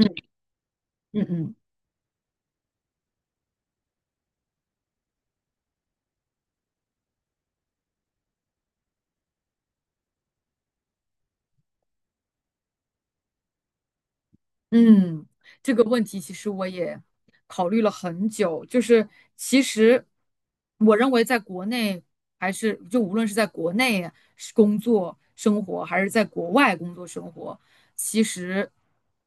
嗯嗯嗯，嗯，这个问题其实我也考虑了很久，就是其实我认为在国内还是就无论是在国内是工作生活，还是在国外工作生活，其实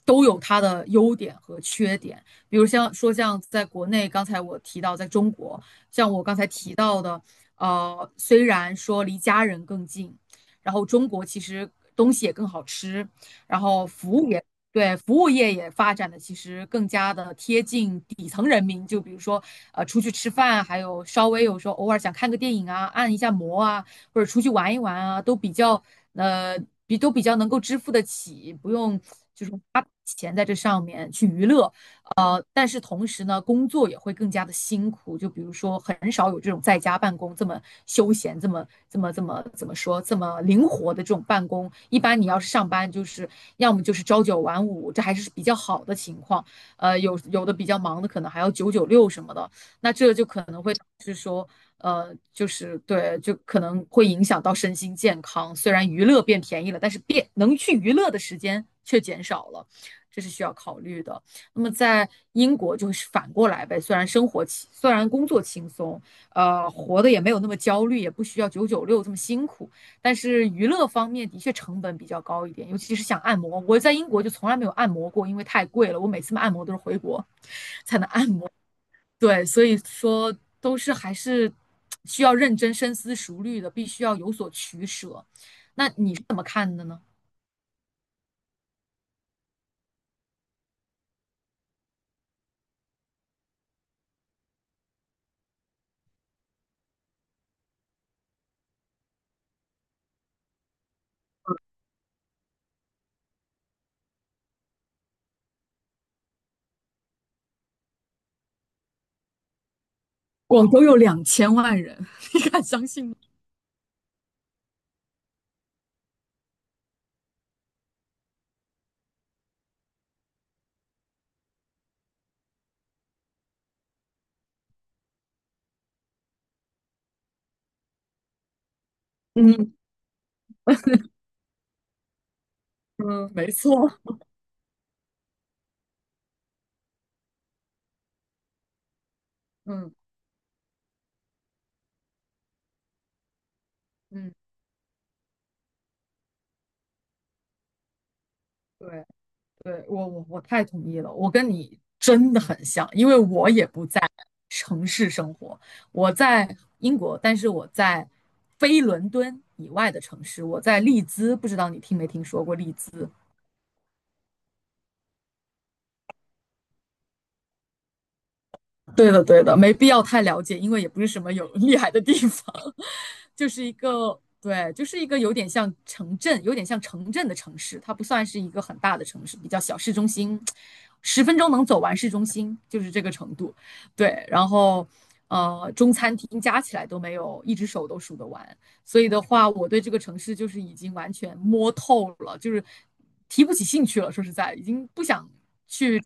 都有它的优点和缺点。比如像说像在国内，刚才我提到在中国，像我刚才提到的，虽然说离家人更近，然后中国其实东西也更好吃。然后服务也对，服务业也发展的其实更加的贴近底层人民，就比如说，出去吃饭，还有稍微有时候偶尔想看个电影啊，按一下摩啊，或者出去玩一玩啊，都比较呃都比较能够支付得起，不用就是花钱在这上面去娱乐。但是同时呢，工作也会更加的辛苦。就比如说，很少有这种在家办公这么休闲、这么怎么说、这么灵活的这种办公。一般你要是上班，就是要么就是朝9晚5，这还是比较好的情况。有的比较忙的，可能还要九九六什么的。那这就可能会导致说，就是对，就可能会影响到身心健康。虽然娱乐变便宜了，但是变能去娱乐的时间却减少了，这是需要考虑的。那么在英国就是反过来呗，虽然工作轻松，活得也没有那么焦虑，也不需要九九六这么辛苦，但是娱乐方面的确成本比较高一点，尤其是想按摩，我在英国就从来没有按摩过，因为太贵了，我每次按摩都是回国才能按摩。对，所以说都是还是需要认真深思熟虑的，必须要有所取舍。那你是怎么看的呢？广州有2000万人，你敢相信吗？嗯，嗯，没错。嗯嗯，对对，我太同意了，我跟你真的很像，因为我也不在城市生活，我在英国，但是我在非伦敦以外的城市，我在利兹，不知道你听没听说过利兹？对的，对的，没必要太了解，因为也不是什么有厉害的地方，就是一个，对，就是一个有点像城镇，有点像城镇的城市，它不算是一个很大的城市，比较小市中心，10分钟能走完市中心，就是这个程度。对，然后中餐厅加起来都没有，一只手都数得完。所以的话，我对这个城市就是已经完全摸透了，就是提不起兴趣了。说实在，已经不想去。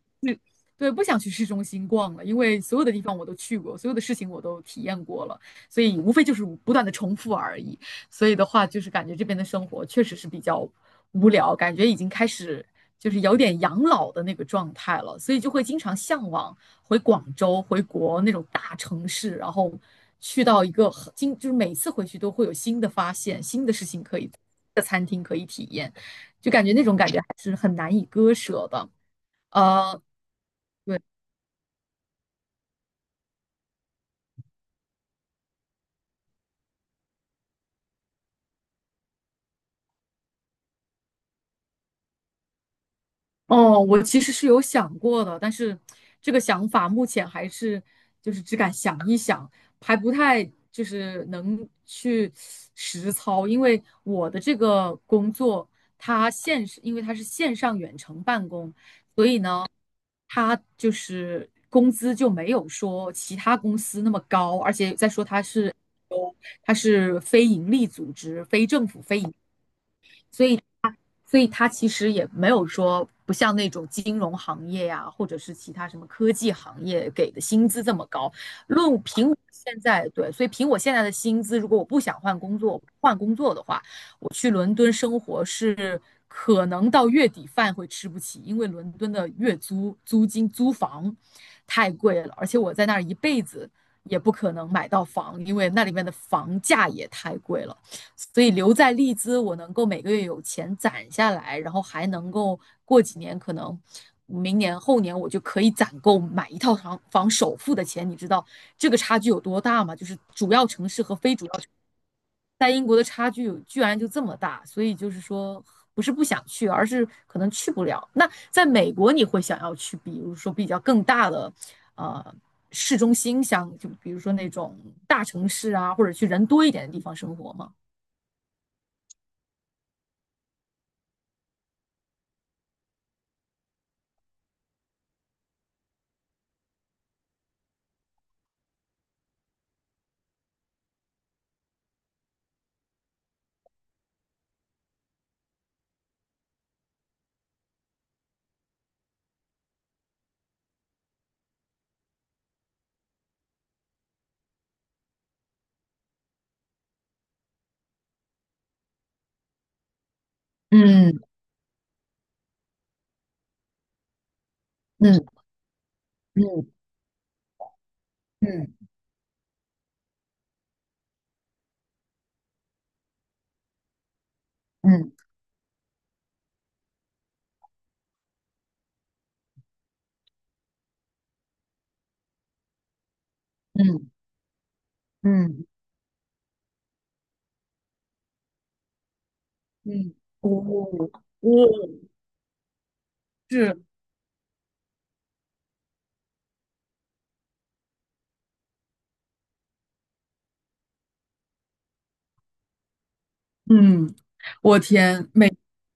对，不想去市中心逛了，因为所有的地方我都去过，所有的事情我都体验过了，所以无非就是不断的重复而已。所以的话，就是感觉这边的生活确实是比较无聊，感觉已经开始就是有点养老的那个状态了，所以就会经常向往回广州、回国那种大城市，然后去到一个很经，就是每次回去都会有新的发现、新的事情可以，就感觉那种感觉还是很难以割舍的。呃。对。哦，我其实是有想过的，但是这个想法目前还是就是只敢想一想，还不太就是能去实操，因为我的这个工作，因为它是线上远程办公，所以呢，它就是工资就没有说其他公司那么高，而且再说它是有它是非盈利组织、非政府、非所以。所以它其实也没有说不像那种金融行业呀、啊或者是其他什么科技行业给的薪资这么高。论凭我现在对，所以凭我现在的薪资，如果我不想换工作，换工作的话，我去伦敦生活是可能到月底饭会吃不起，因为伦敦的月租租金租房太贵了，而且我在那儿一辈子也不可能买到房，因为那里面的房价也太贵了。所以留在利兹，我能够每个月有钱攒下来，然后还能够过几年，可能明年后年我就可以攒够买一套房房首付的钱。你知道这个差距有多大吗？就是主要城市和非主要城市在英国的差距有居然就这么大，所以就是说不是不想去，而是可能去不了。那在美国你会想要去，比如说比较更大的，呃。市中心像就比如说那种大城市啊，或者去人多一点的地方生活吗？嗯，嗯嗯嗯嗯嗯嗯嗯，哦，哦，是，嗯，我天，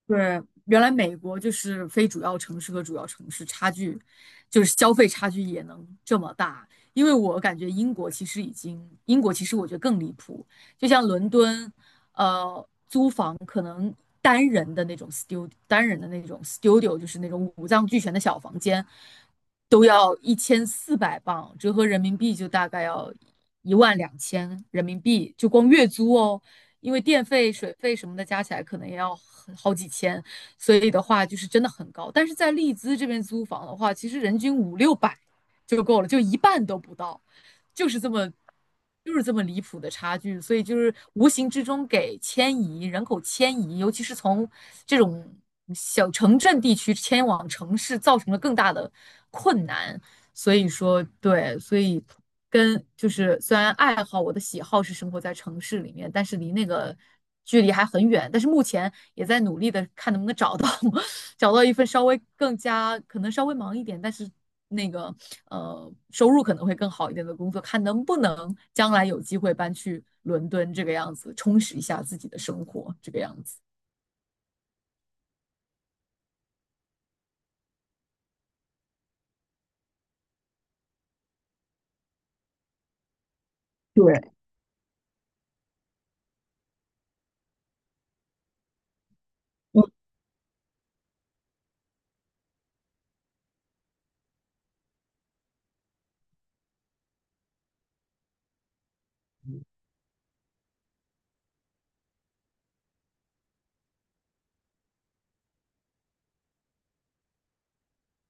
对，原来美国就是非主要城市和主要城市差距，就是消费差距也能这么大。因为我感觉英国其实已经，英国其实我觉得更离谱，就像伦敦，呃，单人的那种 studio，单人的那种 studio，就是那种五脏俱全的小房间，都要1400镑，折合人民币就大概要12000人民币，就光月租哦。因为电费、水费什么的加起来可能也要很好几千，所以的话就是真的很高。但是在利兹这边租房的话，其实人均五六百就够了，就一半都不到。就是这么就是这么离谱的差距，所以就是无形之中给迁移人口迁移，尤其是从这种小城镇地区迁往城市，造成了更大的困难。所以说，对，所以跟就是虽然爱好我的喜好是生活在城市里面，但是离那个距离还很远。但是目前也在努力的看能不能找到 找到一份稍微更加可能稍微忙一点，但是那个收入可能会更好一点的工作，看能不能将来有机会搬去伦敦这个样子，充实一下自己的生活这个样子。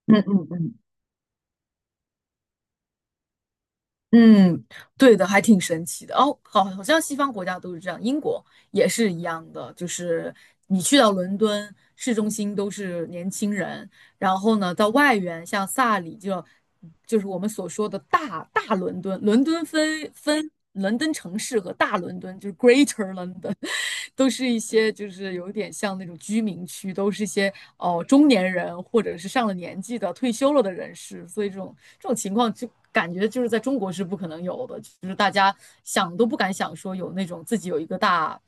嗯。嗯，对的，还挺神奇的哦。好，好像西方国家都是这样，英国也是一样的。就是你去到伦敦市中心都是年轻人，然后呢，到外缘像萨里就就是我们所说的大伦敦，伦敦分伦敦城市和大伦敦，就是 Greater London。都是一些就是有点像那种居民区，都是一些中年人或者是上了年纪的退休了的人士，所以这种情况就感觉就是在中国是不可能有的，就是大家想都不敢想说有那种自己有一个大。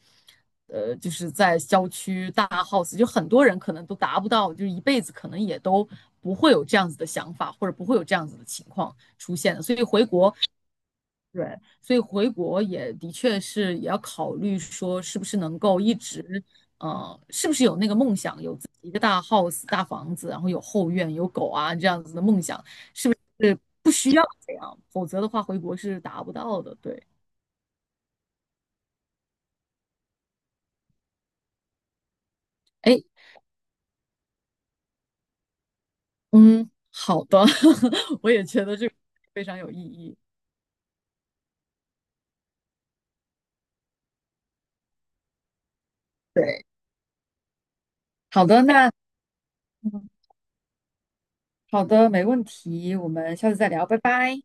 就是在郊区大 house，就很多人可能都达不到，就是一辈子可能也都不会有这样子的想法，或者不会有这样子的情况出现的。所以回国对，所以回国也的确是也要考虑说，是不是能够一直，是不是有那个梦想，有自己一个大 house、大房子，然后有后院、有狗啊这样子的梦想，是不需要这样，否则的话回国是达不到的。对，哎，嗯，好的，我也觉得这个非常有意义。对，好的，那好的，没问题，我们下次再聊，拜拜。